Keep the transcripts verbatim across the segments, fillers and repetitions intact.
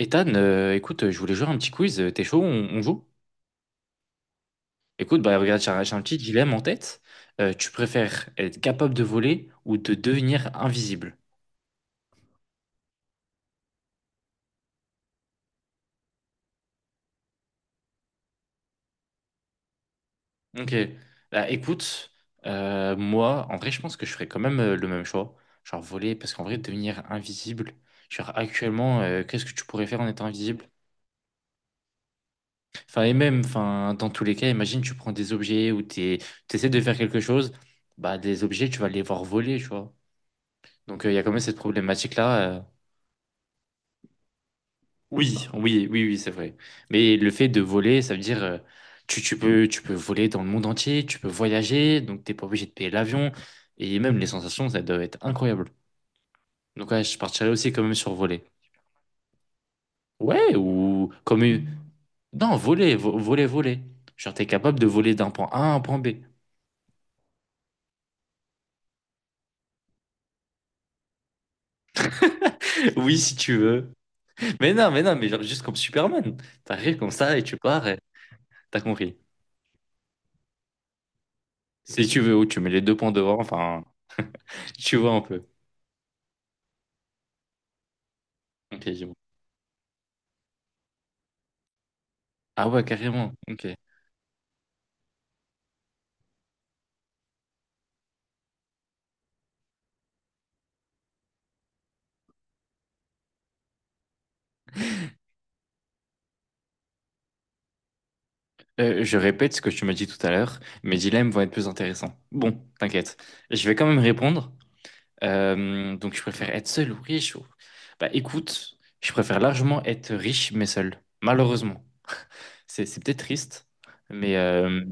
Ethan, euh, écoute, euh, je voulais jouer à un petit quiz. euh, T'es chaud, on, on joue? Écoute, bah regarde, j'ai un, j'ai un petit dilemme en tête. Euh, tu préfères être capable de voler ou de devenir invisible? Ok. Bah écoute, euh, moi, en vrai, je pense que je ferais quand même euh, le même choix. Genre voler, parce qu'en vrai, devenir invisible, genre actuellement, euh, qu'est-ce que tu pourrais faire en étant invisible? Enfin, et même, enfin, dans tous les cas, imagine, tu prends des objets ou t'es, t'essaies de faire quelque chose, bah des objets, tu vas les voir voler, tu vois. Donc euh, il y a quand même cette problématique-là. euh, Oui, oui, oui, oui, c'est vrai. Mais le fait de voler, ça veut dire euh, tu, tu peux tu peux voler dans le monde entier, tu peux voyager, donc t'es pas obligé de payer l'avion et même les sensations, ça doit être incroyable. Donc ouais, je partirais aussi quand même sur voler. Ouais, ou comme une- non, voler, vo- voler, voler. Genre t'es capable de voler d'un point A à un point B. Oui, si tu veux. Mais non, mais non, mais genre juste comme Superman. T'arrives comme ça et tu pars. Et t'as compris. Si tu veux, ou tu mets les deux points devant, enfin, tu vois un peu. Ok, j'ai- Ah ouais, carrément. Ok. Euh, je répète ce que tu m'as dit tout à l'heure, mes dilemmes vont être plus intéressants. Bon, t'inquiète, je vais quand même répondre. Euh, donc, je préfère être seul ou riche ou- Bah, écoute, je préfère largement être riche mais seul, malheureusement. C'est c'est peut-être triste, mais euh,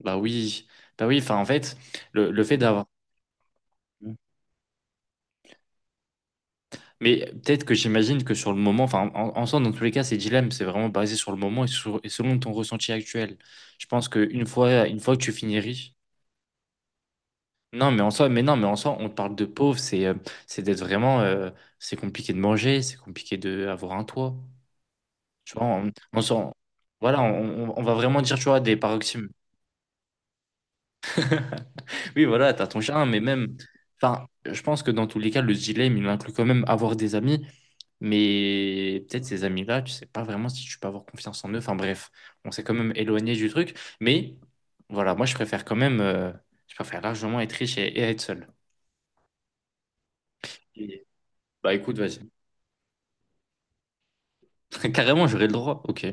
bah oui, bah oui. Enfin, en fait, le, le fait d'avoir. Mais peut-être que j'imagine que sur le moment, enfin, en, en soi, dans tous les cas, ces dilemmes, c'est vraiment basé sur le moment et, sur- et selon ton ressenti actuel. Je pense qu'une fois, une fois que tu finis riche, non, mais en soi, mais non, mais en soi, on te parle de pauvre, c'est euh, c'est d'être vraiment, euh, c'est compliqué de manger, c'est compliqué de avoir un toit. Tu vois, on, on s'en- voilà, on, on- on va vraiment dire, tu vois, des paroxysmes. Oui, voilà, t'as ton chien, mais même, enfin, je pense que dans tous les cas, le dilemme, il inclut quand même avoir des amis, mais peut-être ces amis-là, tu sais pas vraiment si tu peux avoir confiance en eux. Enfin bref, on s'est quand même éloigné du truc, mais voilà, moi, je préfère quand même, euh, je préfère largement être riche et, et être seul. Et- Bah écoute, vas-y. Carrément, j'aurais le droit. Ok,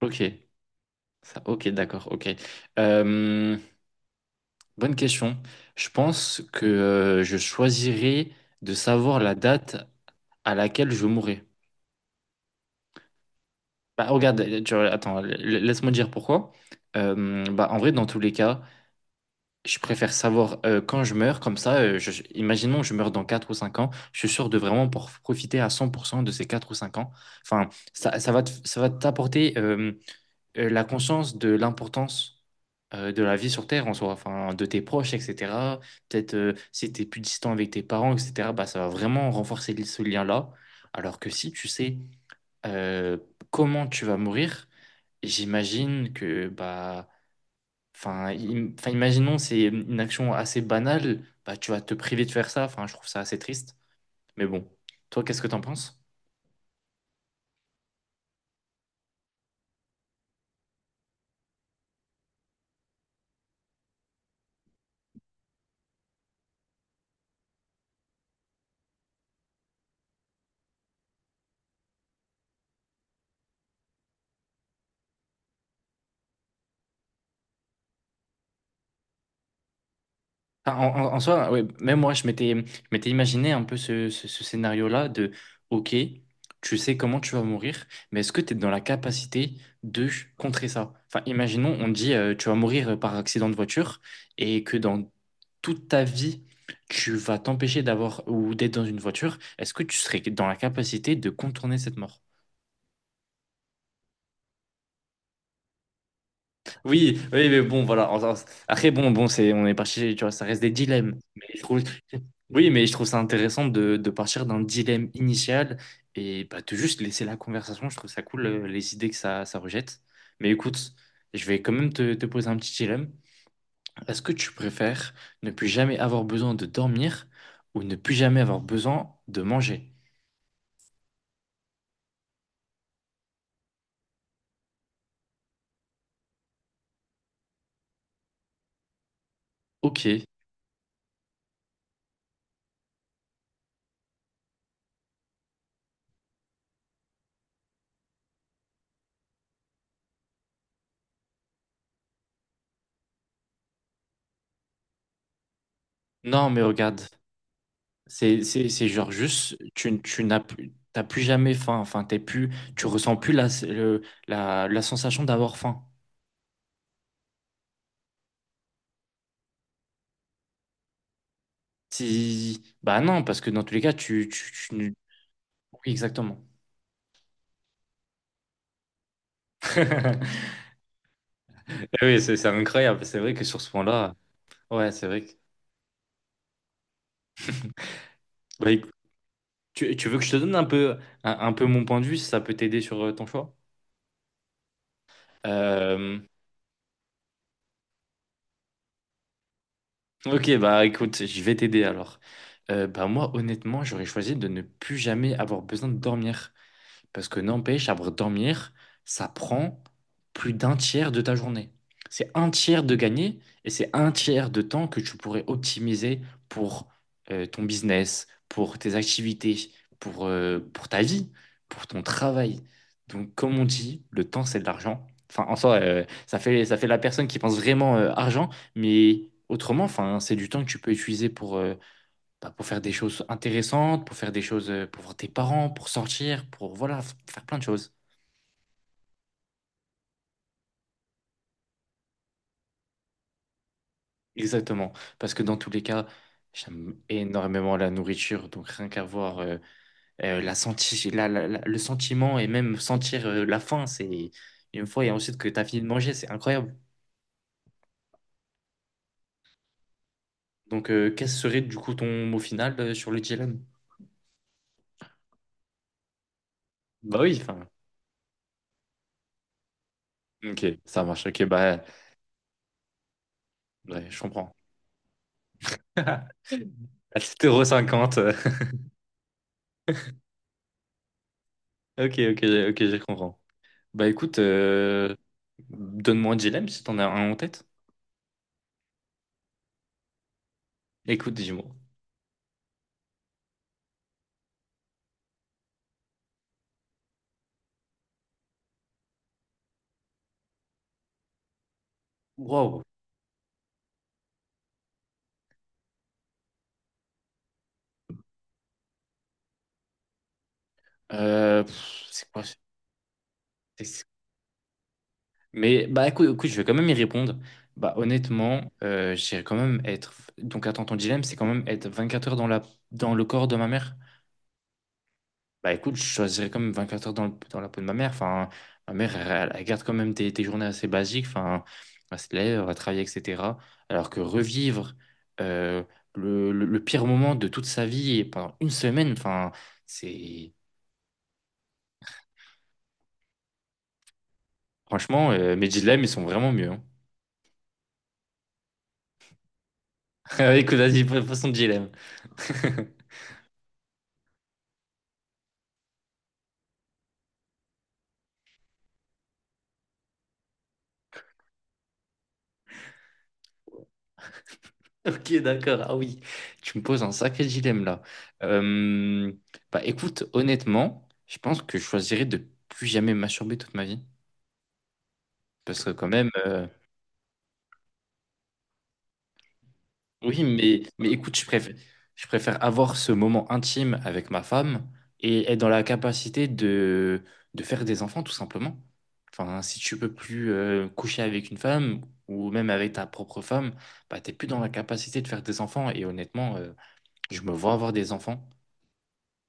ok, ça, ok, d'accord, ok. Euh, Bonne question. Je pense que euh, je choisirais de savoir la date à laquelle je mourrai. Bah, regarde, euh, tu vois, attends, la- la- laisse-moi dire pourquoi. Euh, bah, en vrai, dans tous les cas, je préfère savoir euh, quand je meurs, comme ça, euh, je- je- imaginons que je meurs dans quatre ou cinq ans, je suis sûr de vraiment pour profiter à cent pour cent de ces quatre ou cinq ans. Enfin, ça, ça va te- ça va t'apporter. euh, euh, la conscience de l'importance euh, de la vie sur Terre en soi, enfin, de tes proches, et cetera. Peut-être euh, si tu es plus distant avec tes parents, et cetera, bah, ça va vraiment renforcer li- ce lien-là. Alors que si tu sais euh, comment tu vas mourir, j'imagine que, bah, enfin, im- enfin, imaginons, c'est une action assez banale, bah, tu vas te priver de faire ça. Enfin, je trouve ça assez triste. Mais bon, toi, qu'est-ce que t'en penses? Enfin, en, en- en soi, ouais, même moi, je m'étais, je m'étais imaginé un peu ce, ce- ce scénario-là de, OK, tu sais comment tu vas mourir, mais est-ce que tu es dans la capacité de contrer ça? Enfin, imaginons, on te dit, euh, tu vas mourir par accident de voiture et que dans toute ta vie, tu vas t'empêcher d'avoir ou d'être dans une voiture. Est-ce que tu serais dans la capacité de contourner cette mort? Oui, oui, mais bon, voilà. En- en- Après, bon, bon, c'est, on est parti, tu vois, ça reste des dilemmes. Mais je trouve, oui, mais je trouve ça intéressant de, de partir d'un dilemme initial et bah, de juste laisser la conversation. Je trouve ça cool, euh, les idées que ça, ça rejette. Mais écoute, je vais quand même te, te poser un petit dilemme. Est-ce que tu préfères ne plus jamais avoir besoin de dormir ou ne plus jamais avoir besoin de manger? Ok. Non, mais regarde. C'est, c'est, c'est genre juste, tu, tu n'as plus, t'as plus jamais faim. Enfin, t'es plus, tu ressens plus la, le- la, la sensation d'avoir faim. Si- bah non, parce que dans tous les cas, tu, tu, tu ne- Oui, exactement. Eh oui, c'est c'est incroyable. C'est vrai que sur ce point-là, ouais, c'est vrai que. Bah, écou- Tu, tu veux que je te donne un peu, un, un peu mon point de vue, si ça peut t'aider sur euh, ton choix? Euh, ok, bah écoute, je vais t'aider alors. Euh, bah moi, honnêtement, j'aurais choisi de ne plus jamais avoir besoin de dormir. Parce que n'empêche, à dormir, ça prend plus d'un tiers de ta journée. C'est un tiers de gagné et c'est un tiers de temps que tu pourrais optimiser pour euh, ton business, pour tes activités, pour, euh, pour ta vie, pour ton travail. Donc, comme on dit, le temps, c'est de l'argent. Enfin, en soi, euh, ça fait, ça fait la personne qui pense vraiment euh, argent, mais autrement, enfin, c'est du temps que tu peux utiliser pour, euh, bah, pour faire des choses intéressantes, pour faire des choses, euh, pour voir tes parents, pour sortir, pour voilà, f- faire plein de choses. Exactement. Parce que dans tous les cas, j'aime énormément la nourriture. Donc rien qu'à voir euh, euh, la senti la- la- la- le sentiment et même sentir euh, la faim, c'est une fois et ensuite que tu as fini de manger, c'est incroyable. Donc euh, quel serait du coup ton mot final euh, sur le dilemme? Bah oui, enfin. Ok, ça marche. Ok, bah ouais, je comprends. À sept euros cinquante. Ok, ok, ok, je comprends. Bah écoute, euh, donne-moi un dilemme si t'en as un en tête. Écoute, dis-moi. Wow. Euh, pff, c'est quoi? ce- c'est- c'est- Mais bah écoute, écoute, je vais quand même y répondre. Bah honnêtement, euh, j'irais quand même être. Donc attends, ton dilemme, c'est quand même être 24 heures dans la... dans le corps de ma mère? Bah écoute, je choisirais quand même vingt-quatre heures dans le- dans la peau de ma mère. Enfin, ma mère, elle, elle garde quand même des, des journées assez basiques. Enfin, elle se lève, elle va travailler, et cetera. Alors que revivre euh, le, le- le pire moment de toute sa vie et pendant une semaine, enfin, c'est... Franchement, euh, mes dilemmes, ils sont vraiment mieux. Hein. Écoute, vas-y, fa- façon dilemme. Ok, d'accord. Ah oui, tu me poses un sacré dilemme là. Euh, bah écoute, honnêtement, je pense que je choisirais de plus jamais masturber toute ma vie. Parce que quand même, euh, oui, mais, mais écoute, je préfère, je préfère avoir ce moment intime avec ma femme et être dans la capacité de, de faire des enfants, tout simplement. Enfin, si tu peux plus euh, coucher avec une femme ou même avec ta propre femme, bah, t'es plus dans la capacité de faire des enfants. Et honnêtement, euh, je me vois avoir des enfants.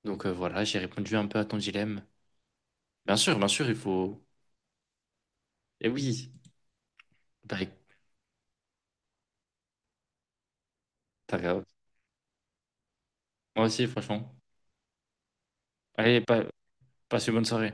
Donc euh, voilà, j'ai répondu un peu à ton dilemme. Bien sûr, bien sûr, il faut... Et oui, bah, t'as- moi aussi, franchement. Allez, pa- passe une bonne soirée.